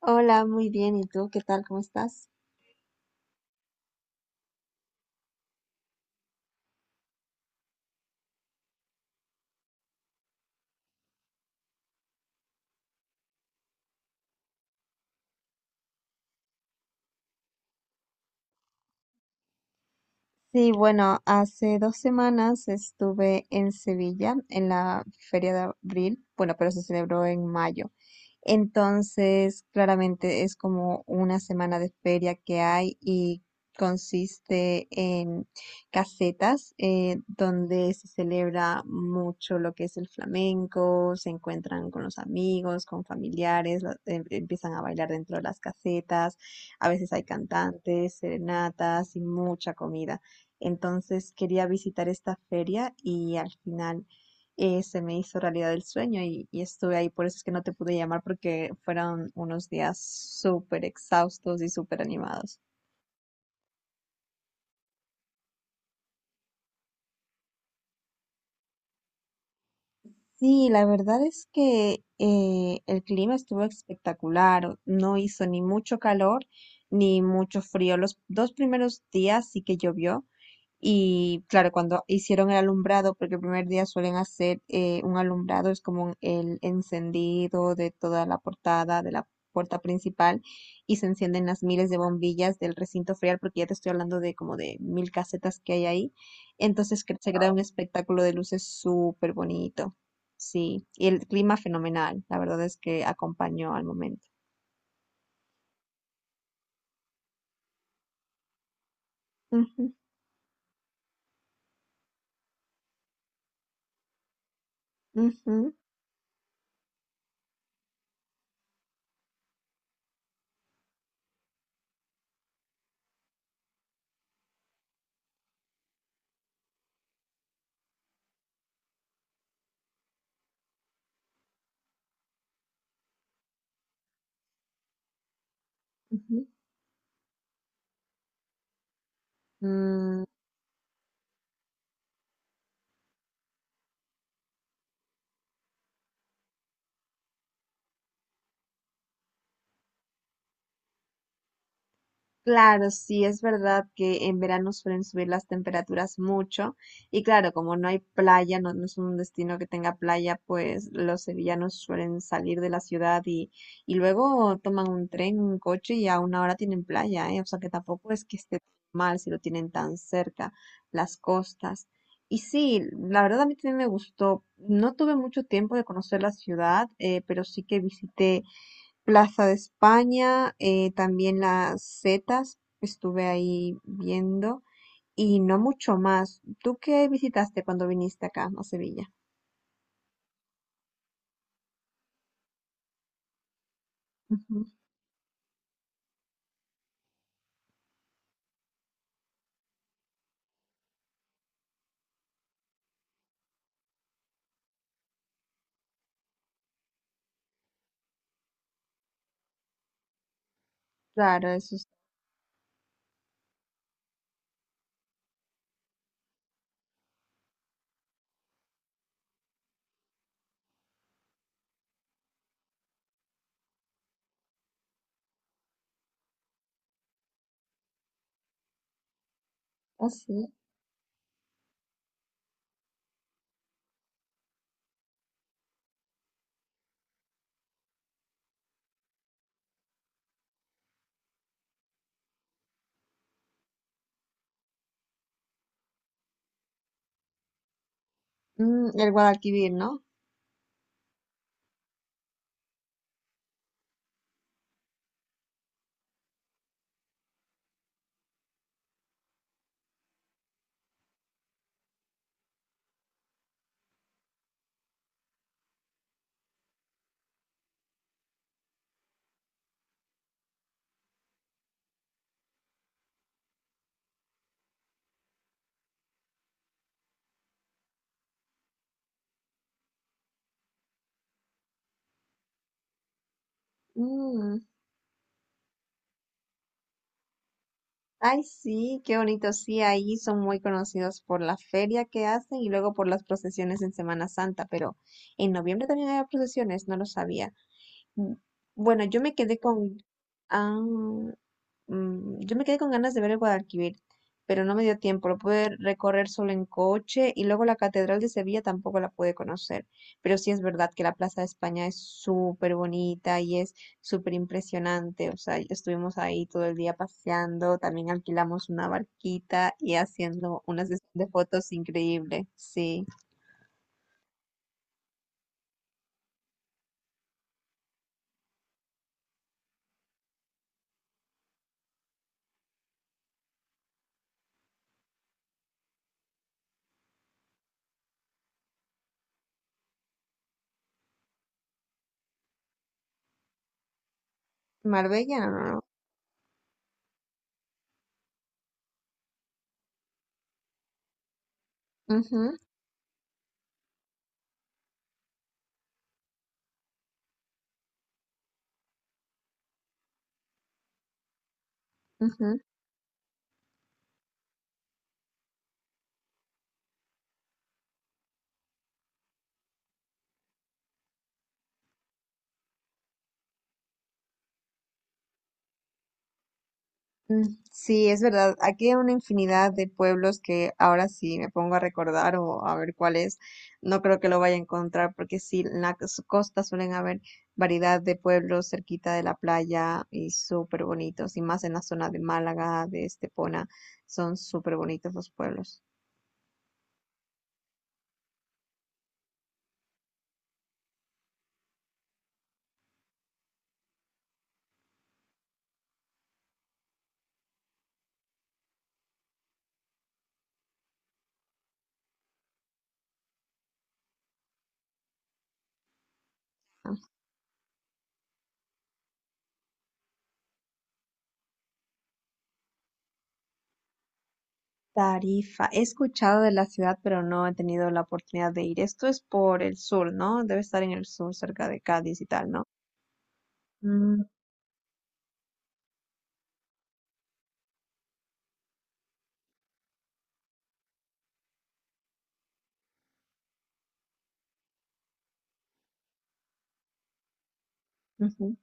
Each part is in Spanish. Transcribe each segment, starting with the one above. Hola, muy bien. ¿Y tú qué tal? ¿Cómo estás? Sí, bueno, hace 2 semanas estuve en Sevilla en la Feria de Abril, bueno, pero se celebró en mayo. Entonces, claramente es como una semana de feria que hay y consiste en casetas donde se celebra mucho lo que es el flamenco, se encuentran con los amigos, con familiares, empiezan a bailar dentro de las casetas, a veces hay cantantes, serenatas y mucha comida. Entonces quería visitar esta feria y al final se me hizo realidad el sueño y estuve ahí. Por eso es que no te pude llamar porque fueron unos días súper exhaustos y súper animados. Sí, la verdad es que el clima estuvo espectacular. No hizo ni mucho calor ni mucho frío. Los dos primeros días sí que llovió. Y claro, cuando hicieron el alumbrado, porque el primer día suelen hacer un alumbrado, es como el encendido de toda la portada, de la puerta principal, y se encienden las miles de bombillas del recinto ferial, porque ya te estoy hablando de como de 1.000 casetas que hay ahí. Entonces se crea un espectáculo de luces súper bonito. Sí, y el clima fenomenal, la verdad es que acompañó al momento. Ujú, ujú, ujú. Mm, claro, sí, es verdad que en verano suelen subir las temperaturas mucho y claro, como no hay playa, no, no es un destino que tenga playa, pues los sevillanos suelen salir de la ciudad y luego toman un tren, un coche y a una hora tienen playa, ¿eh? O sea que tampoco es que esté mal si lo tienen tan cerca, las costas. Y sí, la verdad a mí también me gustó. No tuve mucho tiempo de conocer la ciudad, pero sí que visité Plaza de España, también las Zetas, estuve ahí viendo y no mucho más. ¿Tú qué visitaste cuando viniste acá a Sevilla? Ujú. Claro, eso es así. El Guadalquivir, ¿no? Mm, ay, sí, qué bonito. Sí, ahí son muy conocidos por la feria que hacen y luego por las procesiones en Semana Santa, pero en noviembre también había procesiones, no lo sabía. Mm, Bueno, yo me quedé con... Ah. Yo me quedé con ganas de ver el Guadalquivir, pero no me dio tiempo. Lo pude recorrer solo en coche y luego la Catedral de Sevilla tampoco la pude conocer. Pero sí es verdad que la Plaza de España es súper bonita y es súper impresionante. O sea, estuvimos ahí todo el día paseando, también alquilamos una barquita y haciendo una sesión de fotos increíble. Sí. Marbella, no, no, no. Ujú, ujú. Mm, sí, es verdad. Aquí hay una infinidad de pueblos que ahora sí me pongo a recordar o a ver cuál es. No creo que lo vaya a encontrar porque sí, en la costa suelen haber variedad de pueblos cerquita de la playa y súper bonitos. Y más en la zona de Málaga, de Estepona, son súper bonitos los pueblos. ¿No? Tarifa. He escuchado de la ciudad, pero no he tenido la oportunidad de ir. Esto es por el sur, ¿no? Debe estar en el sur, cerca de Cádiz y tal, ¿no? Mm, ujú.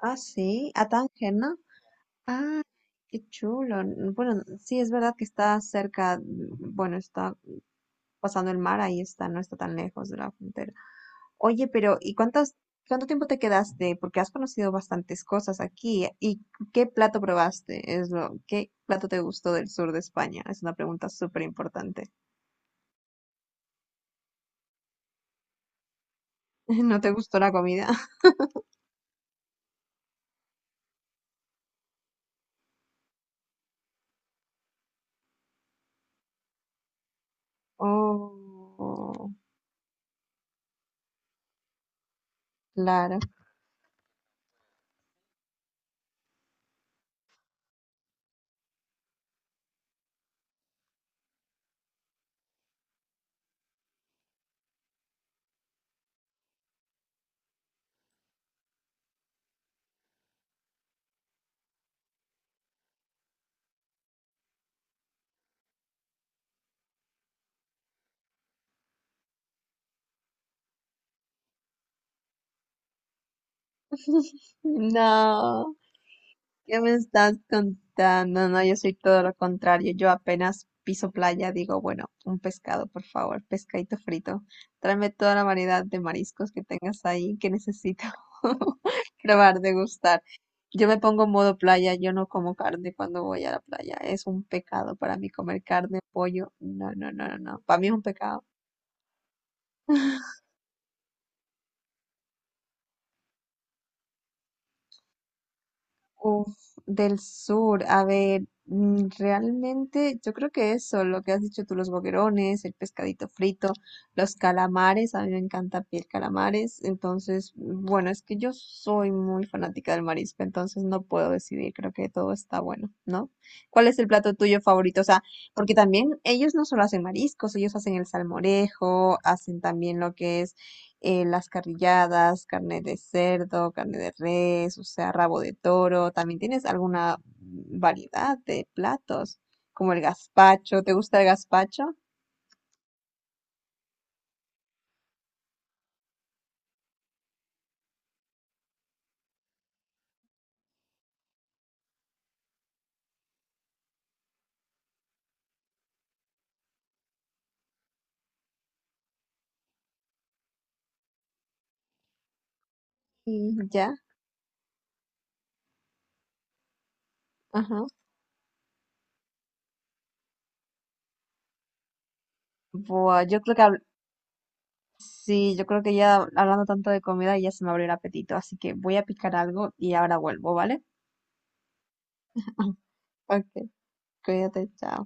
Ah, sí, a Tánger, ¿no? Ah, qué chulo. Bueno, sí, es verdad que está cerca, bueno, está pasando el mar, ahí está, no está tan lejos de la frontera. Oye, pero ¿y cuánto tiempo te quedaste? Porque has conocido bastantes cosas aquí. ¿Y qué plato probaste? Es lo, ¿qué plato te gustó del sur de España? Es una pregunta súper importante. ¿No te gustó la comida? Oh, claro. No. ¿Qué me estás contando? No, no, yo soy todo lo contrario. Yo apenas piso playa, digo, bueno, un pescado, por favor, pescadito frito. Tráeme toda la variedad de mariscos que tengas ahí que necesito probar, degustar. Yo me pongo en modo playa, yo no como carne cuando voy a la playa. Es un pecado para mí comer carne, pollo. No, no, no, no, no. Para mí es un pecado. Uf, del sur, a ver, realmente yo creo que eso, lo que has dicho tú, los boquerones, el pescadito frito, los calamares, a mí me encanta piel calamares, entonces, bueno, es que yo soy muy fanática del marisco, entonces no puedo decidir, creo que todo está bueno, ¿no? ¿Cuál es el plato tuyo favorito? O sea, porque también ellos no solo hacen mariscos, ellos hacen el salmorejo, hacen también lo que es las carrilladas, carne de cerdo, carne de res, o sea, rabo de toro. También tienes alguna variedad de platos, como el gazpacho. ¿Te gusta el gazpacho? Mm, ya, ajá. Buah, yo creo que sí, yo creo que ya hablando tanto de comida ya se me abrió el apetito, así que voy a picar algo y ahora vuelvo, ¿vale? Ok, cuídate, chao.